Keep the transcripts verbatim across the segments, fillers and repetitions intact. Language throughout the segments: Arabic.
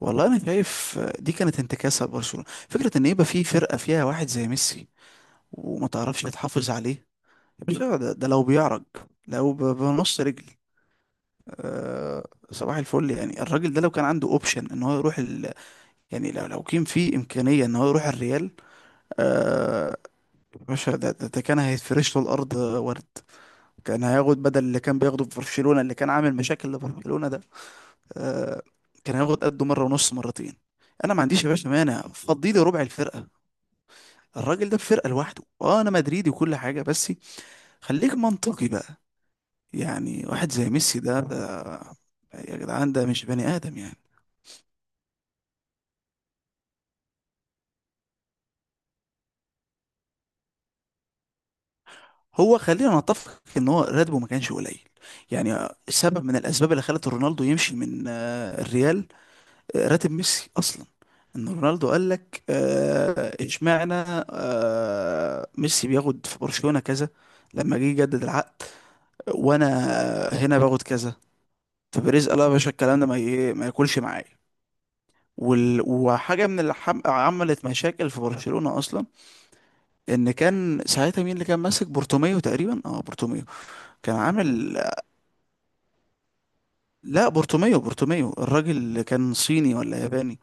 والله انا شايف دي كانت انتكاسه لبرشلونه. فكره ان يبقى في فرقه فيها واحد زي ميسي وما تعرفش تحافظ عليه. يا باشا ده, ده لو بيعرج، لو ب- بنص رجل. أه، صباح الفل. يعني الراجل ده لو كان عنده اوبشن ان هو يروح ال... يعني لو لو كان في امكانيه ان هو يروح الريال، أه، يا باشا ده, ده, ده كان هيتفرش له الارض ورد. كان هياخد بدل اللي كان بياخده في برشلونه اللي كان عامل مشاكل لبرشلونه ده، أه، كان هياخد قده مره ونص مرتين. انا ما عنديش يا باشا مانع، فضي لي ربع الفرقه، الراجل ده في فرقة لوحده. اه انا مدريدي وكل حاجة، بس خليك منطقي بقى. يعني واحد زي ميسي ده ده، يا جدعان ده مش بني ادم يعني. هو خلينا نتفق ان هو راتبه ما كانش قليل، يعني سبب من الاسباب اللي خلت رونالدو يمشي من آه، الريال. آه، راتب ميسي اصلا، ان رونالدو قال لك، آه، اشمعنى آه، ميسي بياخد في برشلونة كذا؟ لما جه يجدد العقد وانا هنا باخد كذا، فبيريز قال له يا باشا الكلام ده ما ي- ما ياكلش معايا. وال... وحاجه من اللي حم... عملت مشاكل في برشلونه اصلا، ان كان ساعتها مين اللي كان ماسك بورتوميو؟ تقريبا اه بورتوميو كان عامل، لا بورتوميو، بورتوميو الراجل اللي كان صيني ولا ياباني.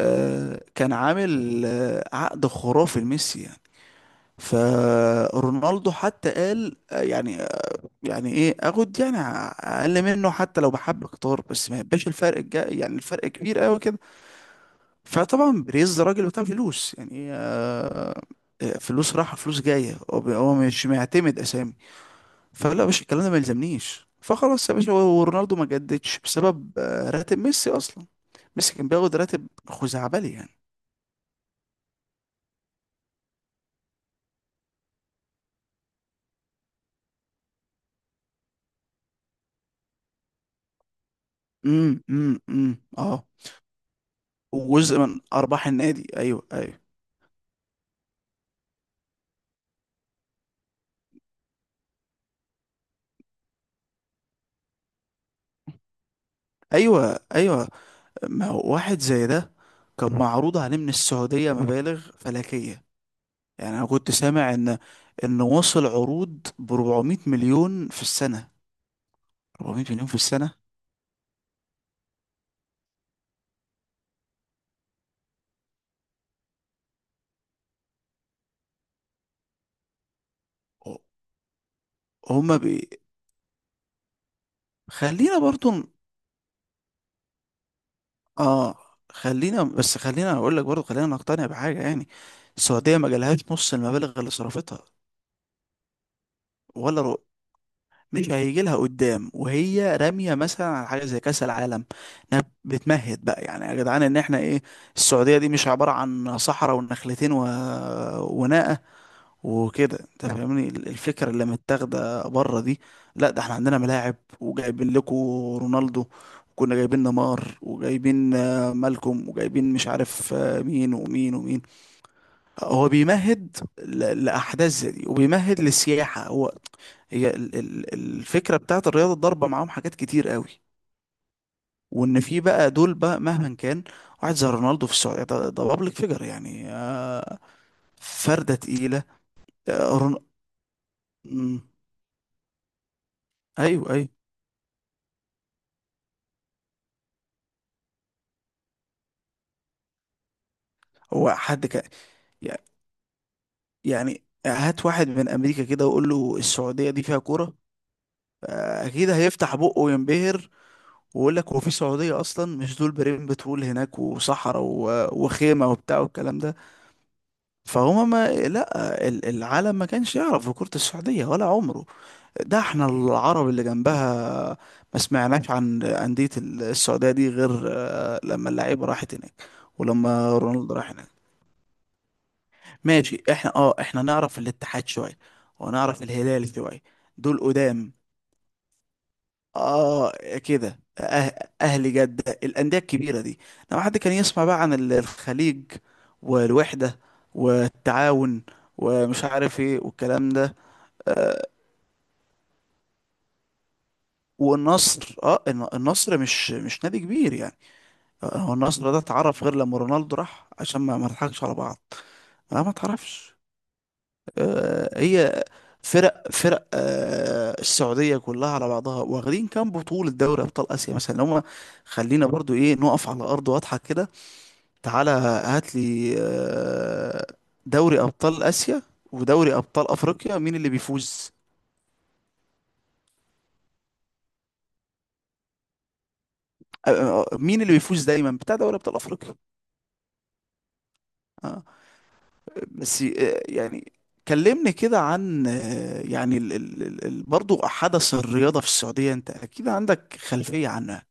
آه، كان عامل آه عقد خرافي لميسي يعني. فرونالدو حتى قال آه، يعني، يعني ايه اخد يعني اقل منه؟ حتى لو بحب اكتر، بس ما يبقاش الفرق الجا، يعني الفرق كبير قوي كده. فطبعا بريز راجل بتاع فلوس يعني، آه، فلوس رايحه فلوس جايه، هو بي- هو مش معتمد اسامي. فلا يا باشا الكلام ده ما يلزمنيش. فخلاص يا باشا، هو ورونالدو ما جددش بسبب آه، راتب ميسي اصلا. ميسي كان بياخد راتب خزعبلي يعني. امم امم امم اه، وجزء من ارباح النادي، ايوه ايوه، ايوه ايوه. ما هو واحد زي ده كان معروض عليه من السعوديه مبالغ فلكيه. يعني انا كنت سامع ان ان وصل عروض ب 400 مليون في السنه، 400 مليون في السنه. هما خلينا برضو ن- اه، خلينا بس خلينا اقول لك برضو، خلينا نقتنع بحاجه يعني. السعوديه ما جالهاش نص المبالغ اللي صرفتها، ولا رو... مش هيجي لها قدام وهي راميه مثلا على حاجه زي كاس العالم. انها بتمهد بقى يعني يا جدعان ان احنا ايه؟ السعوديه دي مش عباره عن صحراء ونخلتين و... وناقه وكده. انت طب فاهمني ال- الفكره اللي متاخده بره دي؟ لا، ده احنا عندنا ملاعب وجايبين لكم رونالدو، وكنا جايبين نيمار وجايبين آه، مالكوم وجايبين مش عارف آه، مين ومين ومين. هو بيمهد ل- لاحداث زي دي، وبيمهد للسياحه هو. هي ال- ال- الفكرة بتاعت الرياضة الضربة معاهم حاجات كتير قوي. وان في بقى دول بقى مهما كان، واحد زي رونالدو في السعودية ده بابليك فيجر يعني، آه، فردة تقيلة. آه، رون... مم. ايوه ايوه. هو حد كان، يعني هات واحد من امريكا كده وقول له السعوديه دي فيها كوره، آه، اكيد هيفتح بقه وينبهر. ويقول لك هو في سعوديه اصلا؟ مش دول بريم بترول هناك وصحراء و- وخيمه وبتاع والكلام ده. فهما ما لا ال- العالم ما كانش يعرف في كره السعوديه ولا عمره. ده احنا العرب اللي جنبها ما سمعناش عن انديه السعوديه دي غير آه، لما اللعيبه راحت هناك، ولما رونالدو راح هناك. ماشي، احنا اه احنا نعرف الاتحاد شوية، ونعرف الهلال شوية، دول قدام. اه كده، أه اهلي جدة، الأندية الكبيرة دي. لو حد كان يسمع بقى عن ال- الخليج، والوحدة، والتعاون، ومش عارف ايه والكلام ده. والنصر، اه الن- النصر مش مش نادي كبير يعني. آه، هو النصر ده اتعرف غير لما رونالدو راح، عشان ما ما نضحكش على بعض. لا ما تعرفش. آه، هي فرق، فرق آه السعوديه كلها على بعضها واخدين كام بطوله دوري ابطال اسيا مثلا هم؟ خلينا برضو ايه نقف على ارض واضحه كده. تعالى هات لي آه، دوري ابطال اسيا ودوري ابطال افريقيا مين اللي بيفوز؟ آه، آه، آه، مين اللي بيفوز دايما بتاع دوري ابطال افريقيا؟ آه، بس آه يعني كلمني كده عن آه، يعني ال ال ال ال- برضو حدث الرياضة في السعودية، انت اكيد عندك خلفية عنه.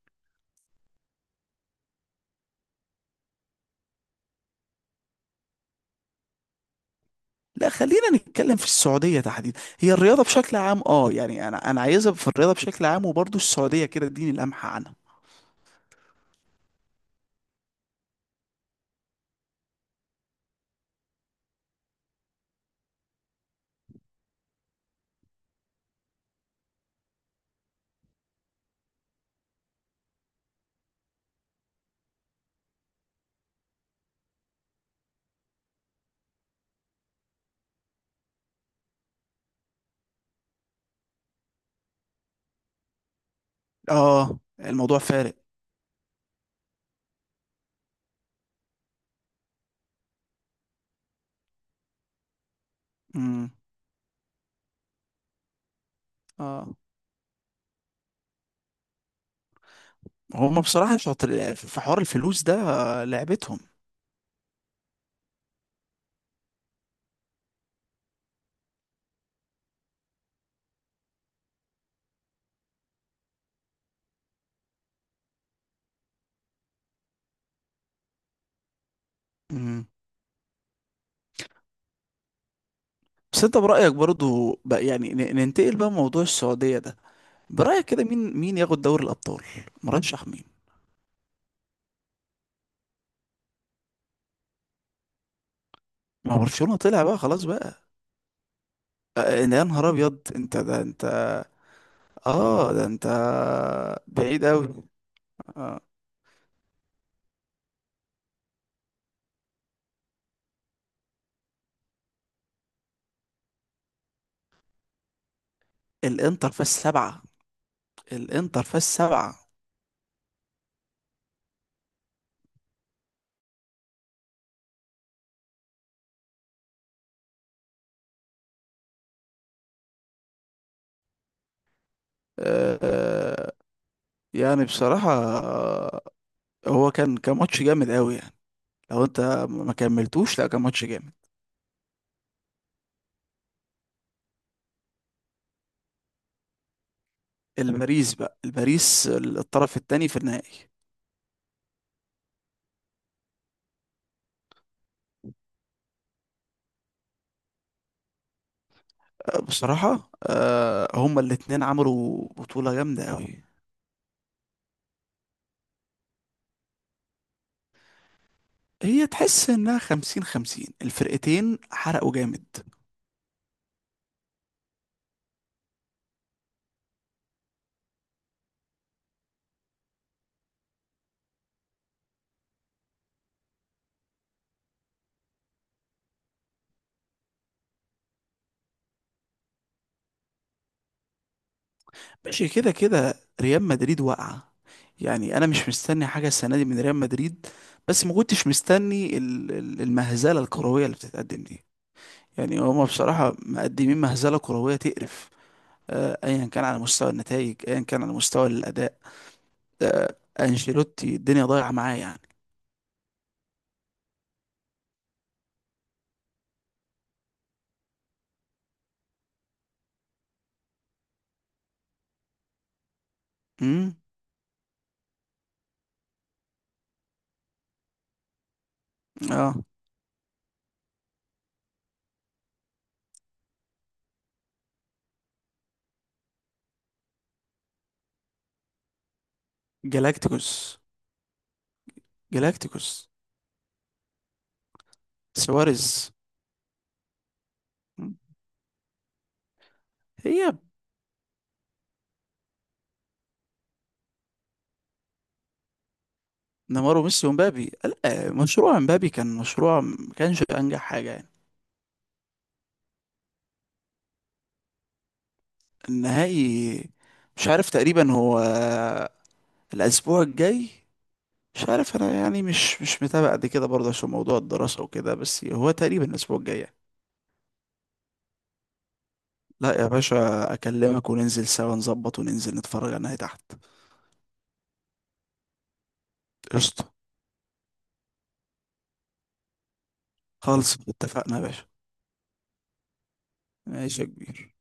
لا خلينا نتكلم في السعودية تحديدا، هي الرياضة بشكل عام، اه يعني انا انا عايزها في الرياضة بشكل عام، وبرضه السعودية كده اديني لمحة عنها. اه الموضوع فارق. امم، اه هما بصراحة شاطر في حوار الفلوس ده، آه، لعبتهم. امم، بس انت برأيك برضه بقى يعني ن- ننتقل بقى موضوع السعودية ده، برأيك كده مين، مين ياخد دوري الأبطال؟ مرشح مين؟ ما هو برشلونة طلع بقى خلاص بقى. آه، يا نهار ابيض، انت ده انت. اه ده انت بعيد قوي. الانتر فاز سبعة. الانتر فاز سبعة. آه، يعني بصراحة، آه، هو كان كان ماتش جامد قوي يعني. لو انت ما كملتوش، لا كان ماتش جامد. الباريس بقى، الباريس الطرف الثاني في النهائي. آه، بصراحة آه، هما الاتنين عملوا بطولة جامدة قوي. هي تحس انها خمسين خمسين، الفرقتين حرقوا جامد. ماشي كده كده، ريال مدريد واقعة، يعني انا مش مستني حاجة السنة دي من ريال مدريد. بس ما كنتش مستني ال- ال- المهزلة الكروية اللي بتتقدم دي. يعني هما بصراحة مقدمين مهزلة كروية تقرف، آه، ايا كان على مستوى النتائج ايا كان على مستوى الاداء. آه، انشيلوتي الدنيا ضايعة معاه يعني. امم، اه، جالاكتيكوس. جالاكتيكوس، سواريز. مم. هي نيمار وميسي ومبابي؟ لا، مشروع مبابي كان مشروع ما كانش انجح حاجة يعني. النهائي مش عارف تقريبا هو الأسبوع الجاي. مش عارف أنا يعني مش مش متابع قد كده برضه عشان موضوع الدراسة وكده، بس هو تقريبا الأسبوع الجاي يعني. لا يا باشا أكلمك وننزل سوا، نظبط وننزل نتفرج على النهائي تحت. قشطة. خالص اتفقنا يا باشا. ماشي يا كبير.